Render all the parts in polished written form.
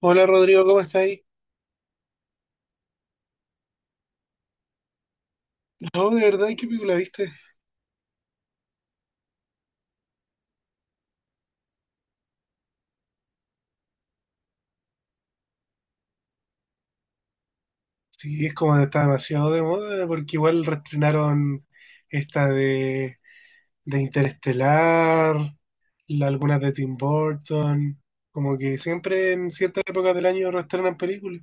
Hola Rodrigo, ¿cómo estás ahí? No, de verdad, ¿y qué película viste? Sí, es como está demasiado de moda, porque igual reestrenaron esta de Interestelar, algunas de Tim Burton, como que siempre en ciertas épocas del año reestrenan películas.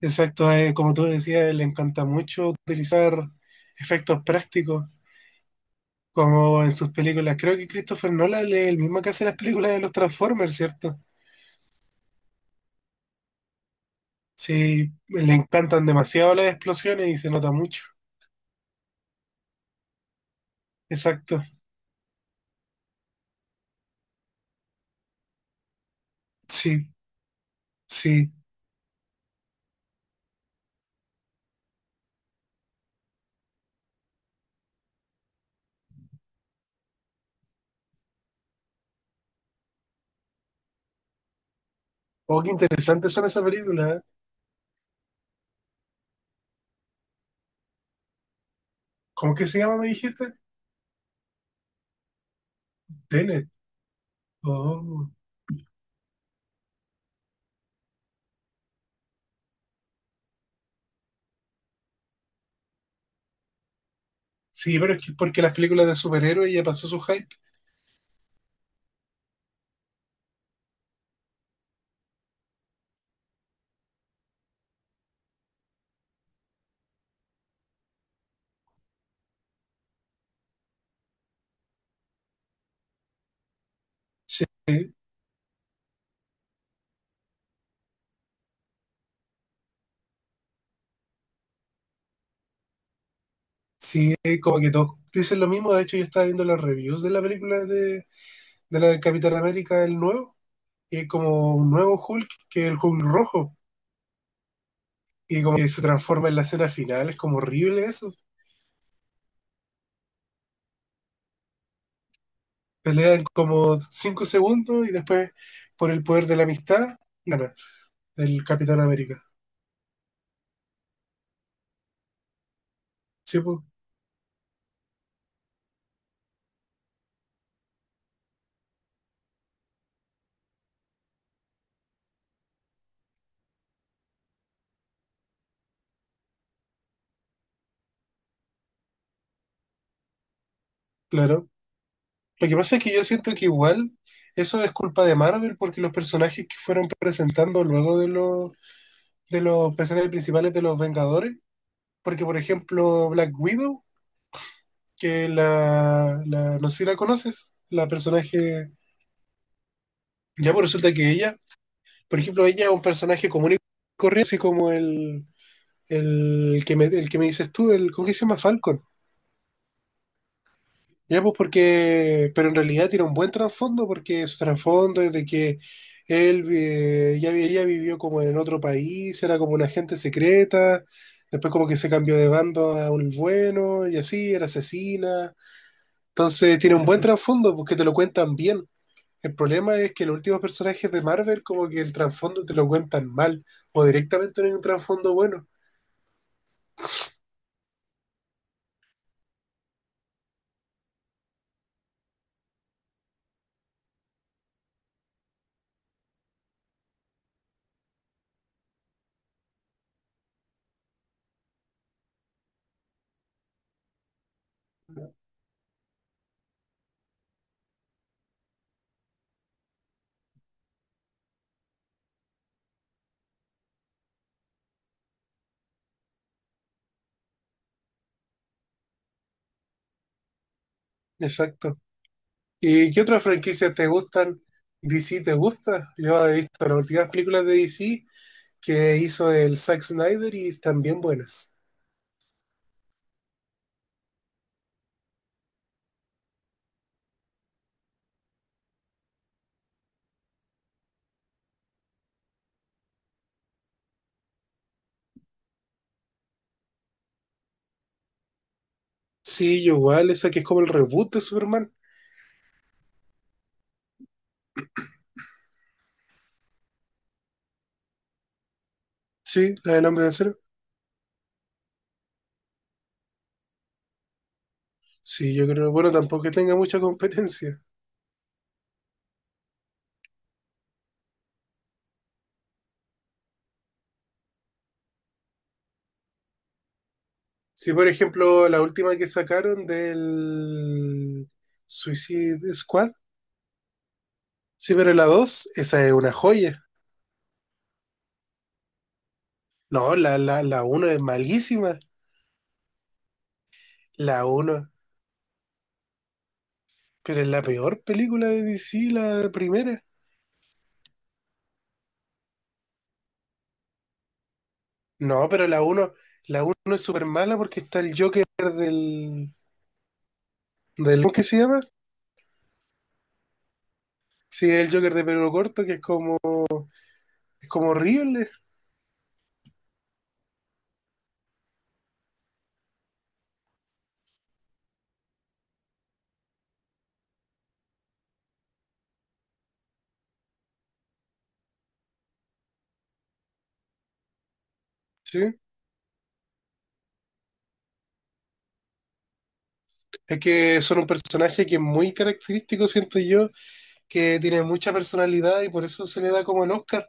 Exacto, como tú decías, le encanta mucho utilizar efectos prácticos, como en sus películas. Creo que Christopher Nolan es el mismo que hace las películas de los Transformers, ¿cierto? Sí, le encantan demasiado las explosiones y se nota mucho. Exacto. Sí, sí. Oh, qué interesantes son esas películas, ¿eh? ¿Cómo que se llama, me dijiste? Tenet. Oh. Sí, pero es que porque las películas de superhéroes ya pasó su hype. Sí, sí, como que todos dicen lo mismo. De hecho, yo estaba viendo las reviews de la película de la del Capitán América, el nuevo, y es como un nuevo Hulk, que es el Hulk rojo. Y como que se transforma en la escena final, es como horrible eso. Pelean como 5 segundos y después, por el poder de la amistad, gana el Capitán América. Sí, pues, claro. Lo que pasa es que yo siento que igual eso es culpa de Marvel porque los personajes que fueron presentando luego de los personajes principales de los Vengadores, porque por ejemplo Black Widow, que la no sé si la conoces, la personaje, ya pues resulta que ella, por ejemplo, ella es un personaje común y corriente, así como el, el que me dices tú, el, ¿cómo que se llama Falcon? Ya, pues porque, pero en realidad tiene un buen trasfondo, porque su trasfondo es de que él ya, ella vivió como en otro país, era como una agente secreta, después como que se cambió de bando a un bueno y así, era asesina. Entonces tiene un buen trasfondo, porque te lo cuentan bien. El problema es que los últimos personajes de Marvel como que el trasfondo te lo cuentan mal, o directamente no hay un trasfondo bueno. Exacto. ¿Y qué otras franquicias te gustan? ¿DC te gusta? Yo he visto las últimas películas de DC que hizo el Zack Snyder y están bien buenas. Sí, yo igual, esa que es como el reboot de Superman. Sí, la del Hombre de Acero. Sí, yo creo, bueno, tampoco que tenga mucha competencia. Sí, por ejemplo, la última que sacaron del Suicide Squad. Sí, pero la 2 esa es una joya. No, la 1 es malísima. La uno, pero es la peor película de DC, la primera. No, pero la uno es súper mala porque está el Joker del. ¿Cómo que se llama? Sí, el Joker de pelo corto, que es como horrible, ¿sí? Es que son un personaje que es muy característico, siento yo, que tiene mucha personalidad y por eso se le da como el Oscar.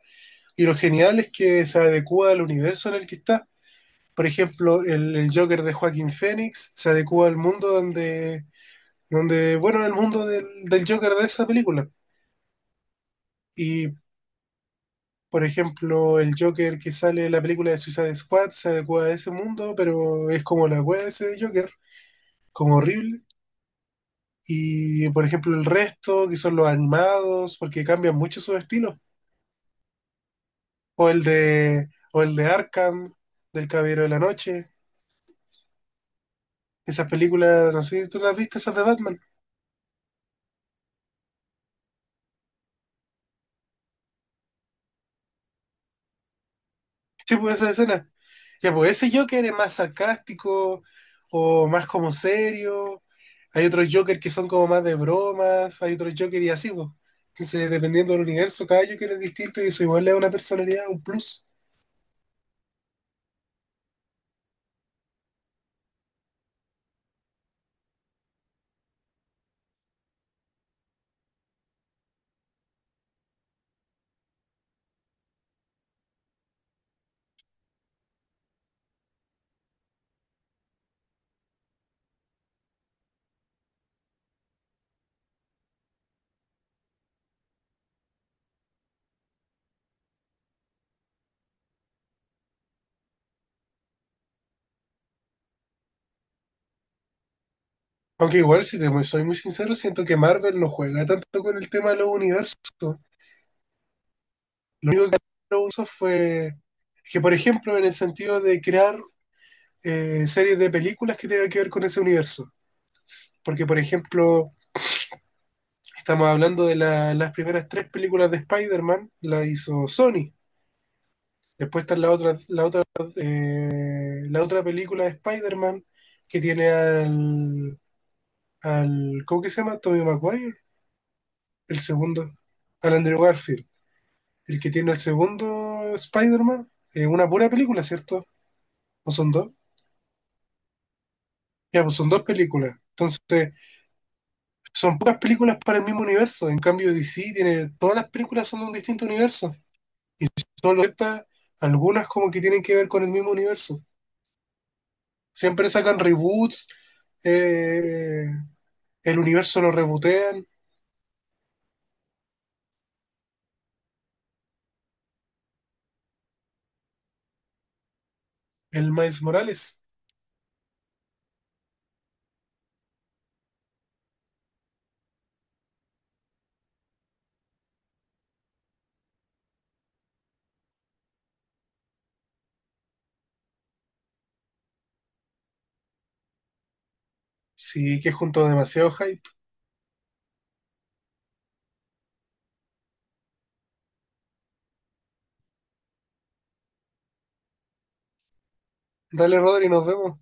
Y lo genial es que se adecua al universo en el que está. Por ejemplo, el Joker de Joaquín Phoenix se adecua al mundo donde, bueno, al mundo del Joker de esa película. Y, por ejemplo, el Joker que sale en la película de Suicide Squad se adecua a ese mundo, pero es como la wea de ese Joker, como horrible. Y por ejemplo, el resto, que son los animados, porque cambian mucho su estilo. O el de Arkham, del Caballero de la Noche. Esas películas, no sé si tú las viste, esas de Batman. Sí, pues esa escena. Ya, pues ese Joker es más sarcástico o más como serio. Hay otros Joker que son como más de bromas, hay otros Joker y así, pues. Entonces, dependiendo del universo, cada Joker es distinto y eso igual le da una personalidad, un plus. Aunque igual, si te mu- soy muy sincero, siento que Marvel no juega tanto con el tema de los universos. Lo único que hizo los universos fue que, por ejemplo, en el sentido de crear series de películas que tengan que ver con ese universo. Porque, por ejemplo, estamos hablando de las primeras tres películas de Spider-Man, la hizo Sony. Después está la otra película de Spider-Man que tiene al, ¿cómo que se llama? Tobey Maguire, el segundo, al Andrew Garfield, el que tiene el segundo Spider-Man, una pura película, ¿cierto? ¿O son dos? Ya, pues son dos películas. Entonces, son puras películas para el mismo universo. En cambio, DC tiene, todas las películas son de un distinto universo. Y solo ciertas, algunas como que tienen que ver con el mismo universo. Siempre sacan reboots, eh, el universo lo rebootean, el Miles Morales. Sí, que junto demasiado hype. Dale, Rodri, nos vemos.